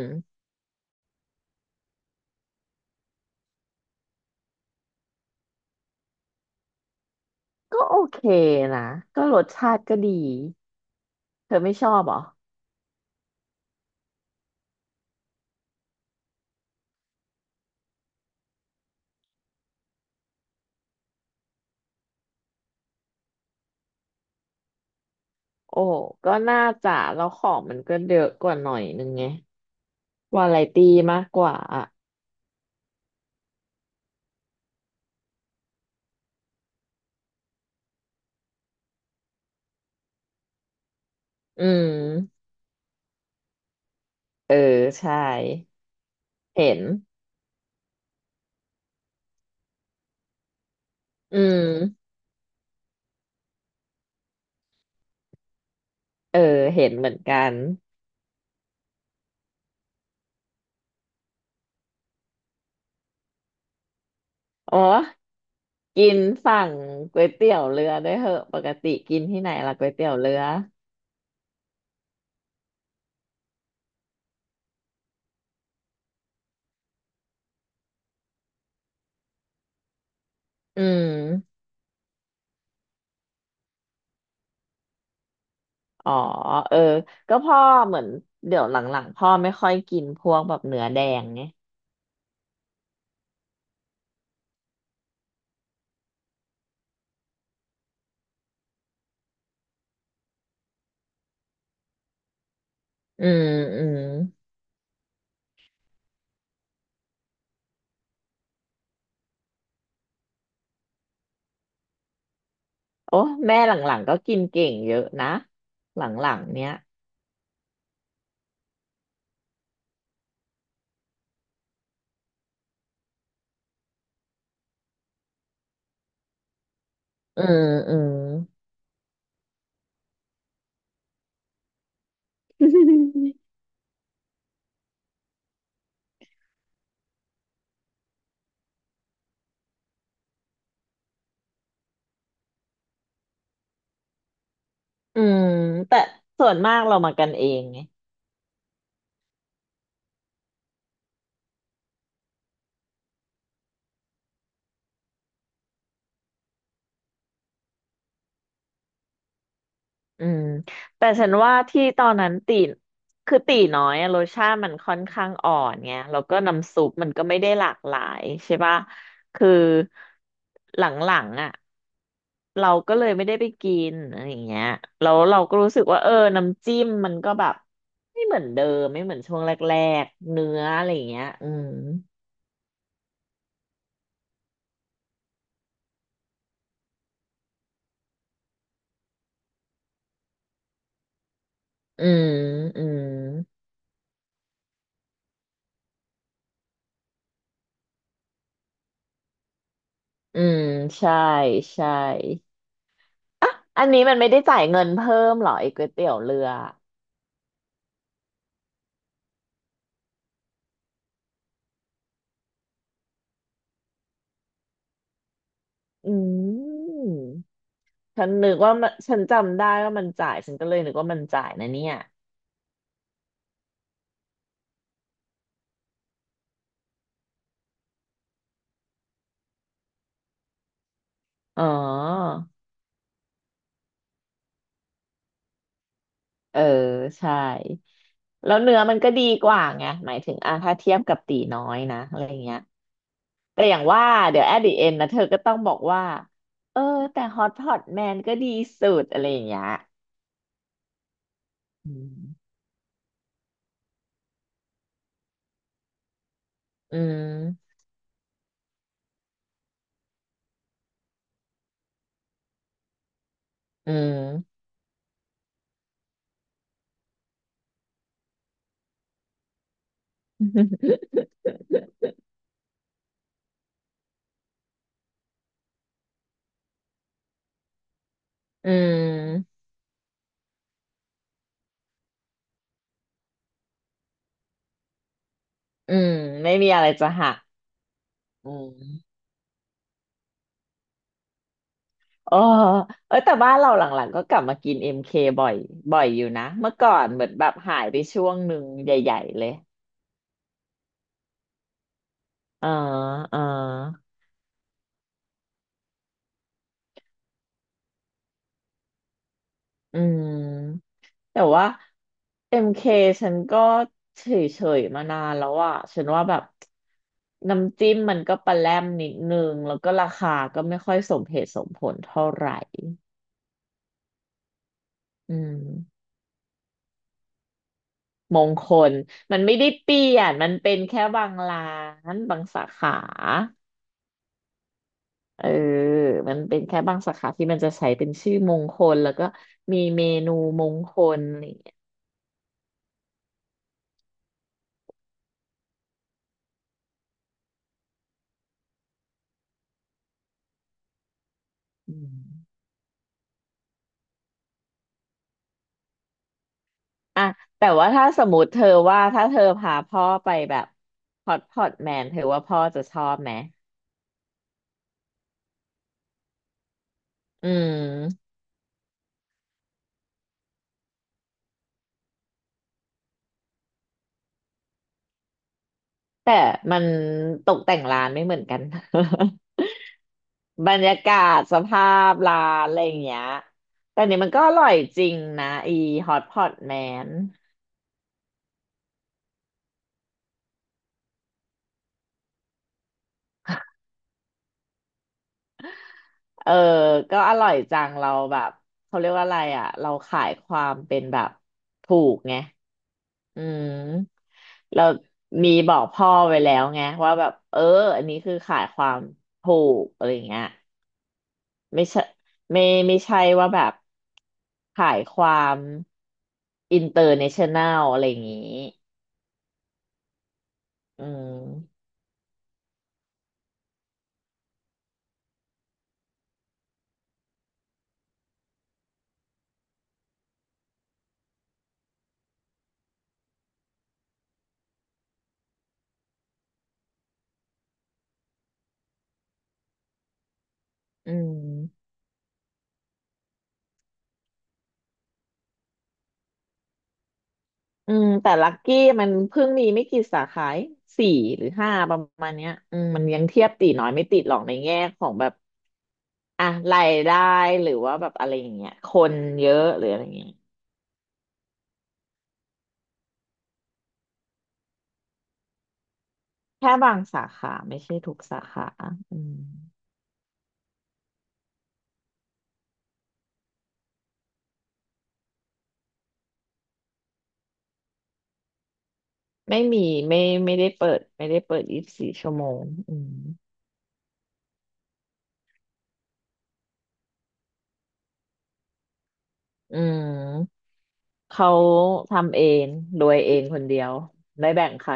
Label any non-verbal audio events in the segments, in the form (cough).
อืมก็โอเคนะก็รสชาติก็ดีเธอไม่ชอบเหรอโอ้ก็น่าจะแล้วของมันก็เยอะกว่าหน่อยนึงไงวาไรตี้มากกว่าอ่ะอืมเออใช่เห็นอืมเออเห็นเหมือนกันอ๋อกินสั่งก๋วยเตี๋ยวเรือด้วยเหอะปกติกินที่ไหนล่ะก๋วยเตี๋ยวเรืออืมอ๋อเออก็พ่อเหมือนเดี๋ยวหลังๆพ่อไม่ค่อยกินพวกแบบเนื้อแดงไงอืมอืม โอ้แม่หลังๆก็กินเก่งเยอะนะหลังๆเนี้ยอืมอืม (laughs) อืมแต่ส่วนมากเรามากันเองไง อืมแต่ฉันว่าที่ตอนนั้นตีน้อยอะรสชาติมันค่อนข้างอ่อนไงแล้วก็น้ำซุปมันก็ไม่ได้หลากหลายใช่ปะคือหลังๆอ่ะเราก็เลยไม่ได้ไปกินอะไรอย่างเงี้ยแล้วเราก็รู้สึกว่าเออน้ำจิ้มมันก็แบบไม่เหมือนเดิมไม่เหมือนช่วงแรกๆเนื้ออะไรอย่างเงี้ยอืมอืมอืมอืมใช่ใช่อันนี้มันไม่ได้จ่ายเงินเพิ่มเหรอไอ้ก๋วยเตี๋ยวเรือ อืมฉันนึกว่ามันฉันจำได้ว่ามันจ่ายฉันก็เลยนึกว่ามันจ่ายนะเนี่ยอ๋อเออใช่แล้วเนื้อมันก็ดีกว่าไงหมายถึงอ่ะถ้าเทียบกับตีน้อยนะอะไรเงี้ยแต่อย่างว่าเดี๋ยวแอดดิเอ็นนะเธอก็ต้องบอกว่าเออแต่ฮอตพอตแมนก็ดีสุดอะไรอย่างเงี้ยอืมอืม (laughs) อืมอืมอืมไม่มีอะไรจะหักอืม เออเออแต่บ้านเราหลังๆก็กลับมากินเอ็มเคบ่อยบ่อยอยู่นะ เมื่อก่อนเหมือนแบบหายไปช่วงหนึ่งใหญ่ๆเลยเอ๋อเอ๋ออืมแต่ว่าเอ็มเคฉันก็เฉยๆมานานแล้วอ่ะฉันว่าแบบน้ำจิ้มมันก็ปลาแรมนิดนึงแล้วก็ราคาก็ไม่ค่อยสมเหตุสมผลเท่าไหร่อืมมงคลมันไม่ได้เปลี่ยน มันเป็นแค่บางร้านบางสาขา เออมันเป็นแค่บางสาขาที่มันจะใช้เป็นชื่อมงคลแล้วก็มีเมนูมงคลอะไรอย่างเงี้ยอืมอ่ะแต่ว่าถ้าสมมติเธอว่าถ้าเธอพาพ่อไปแบบฮอตพอตแมนเธอว่าพ่อจะชอบไหมอืมแต่มันตกแต่งร้านไม่เหมือนกัน (laughs) บรรยากาศสภาพร้านอะไรอย่างเงี้ยแต่นี่มันก็อร่อยจริงนะอีฮอตพอตแมน เออ ก็อร่อยจังเราแบบเขาเรียกว่าอะไรอ่ะเราขายความเป็นแบบถูกไงอืมเรามีบอกพ่อไว้แล้วไงว่าแบบเอออันนี้คือขายความถูกอะไรอย่างเงี้ยไม่ใช่ไม่ไม่ใช่ว่าแบบขายความอินเตอร์เนชั่นแนลอะไรอย่างงี้อืมอืม อืมแต่ลักกี้มันเพิ่งมีไม่กี่สาขาเอง4 หรือ 5ประมาณเนี้ยอืมมันยังเทียบตีน้อยไม่ติดหรอกในแง่ของแบบอ่ะรายได้หรือว่าแบบอะไรอย่างเงี้ยคนเยอะหรืออะไรอย่างเงี้ยแค่บางสาขาไม่ใช่ทุกสาขาอืมไม่มีไม่ไม่ได้เปิด24 ชั่วโมงอืมอืมเขาทำเองโดยเองคนเดียวไม่แบ่งใคร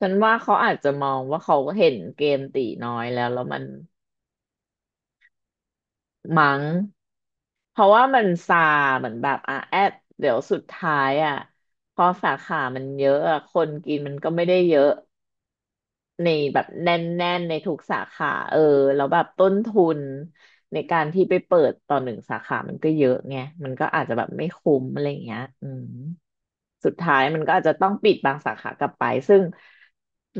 ฉันว่าเขาอาจจะมองว่าเขาเห็นเกมตีน้อยแล้วมันมั้ง เพราะว่ามันซาเหมือนแบบอ่ะแอดเดี๋ยวสุดท้ายอ่ะพอสาขามันเยอะอะคนกินมันก็ไม่ได้เยอะในแบบแน่นๆในทุกสาขาเออแล้วแบบต้นทุนในการที่ไปเปิดต่อหนึ่งสาขามันก็เยอะไงมันก็อาจจะแบบไม่คุ้มอะไรอย่างเงี้ยอืมสุดท้ายมันก็อาจจะต้องปิดบางสาขากลับไปซึ่ง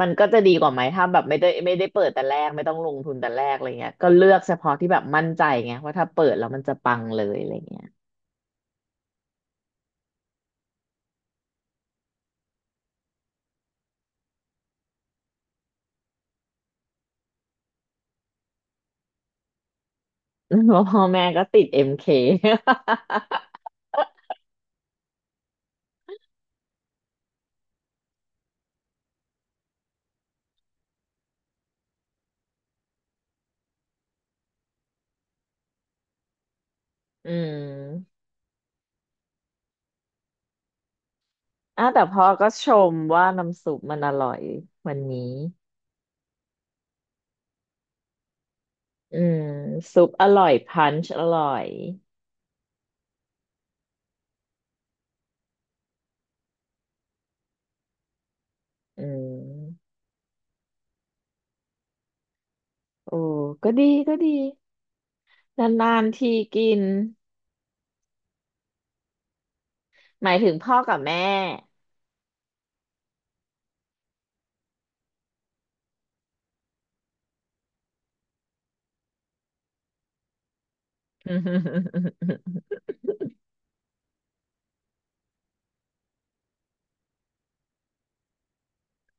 มันก็จะดีกว่าไหมถ้าแบบไม่ได้เปิดแต่แรกไม่ต้องลงทุนแต่แรกอะไรเงี้ยก็เลือกเฉพาะที่แบบมั่นใจไงว่าถ้าเปิดแล้วมันจะปังเลยอะไรเงี้ย เพราะพ่อแม่ก็ติดเอ็มเค (laughs) อืมอ่ะแต่พ่อก็ชมว่าน้ำซุปมันอร่อยวันนี้ อืมซุปอร่อยพันช์อร่อย อืมโอ้ก็ดีก็ดีนานๆทีกินหมายถึงพ่อกับแม่ (laughs)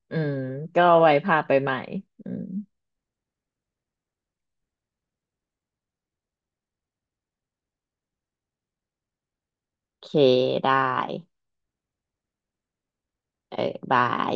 อืมก็ไว้พาไปใหม่อืมโอเคได้เออบาย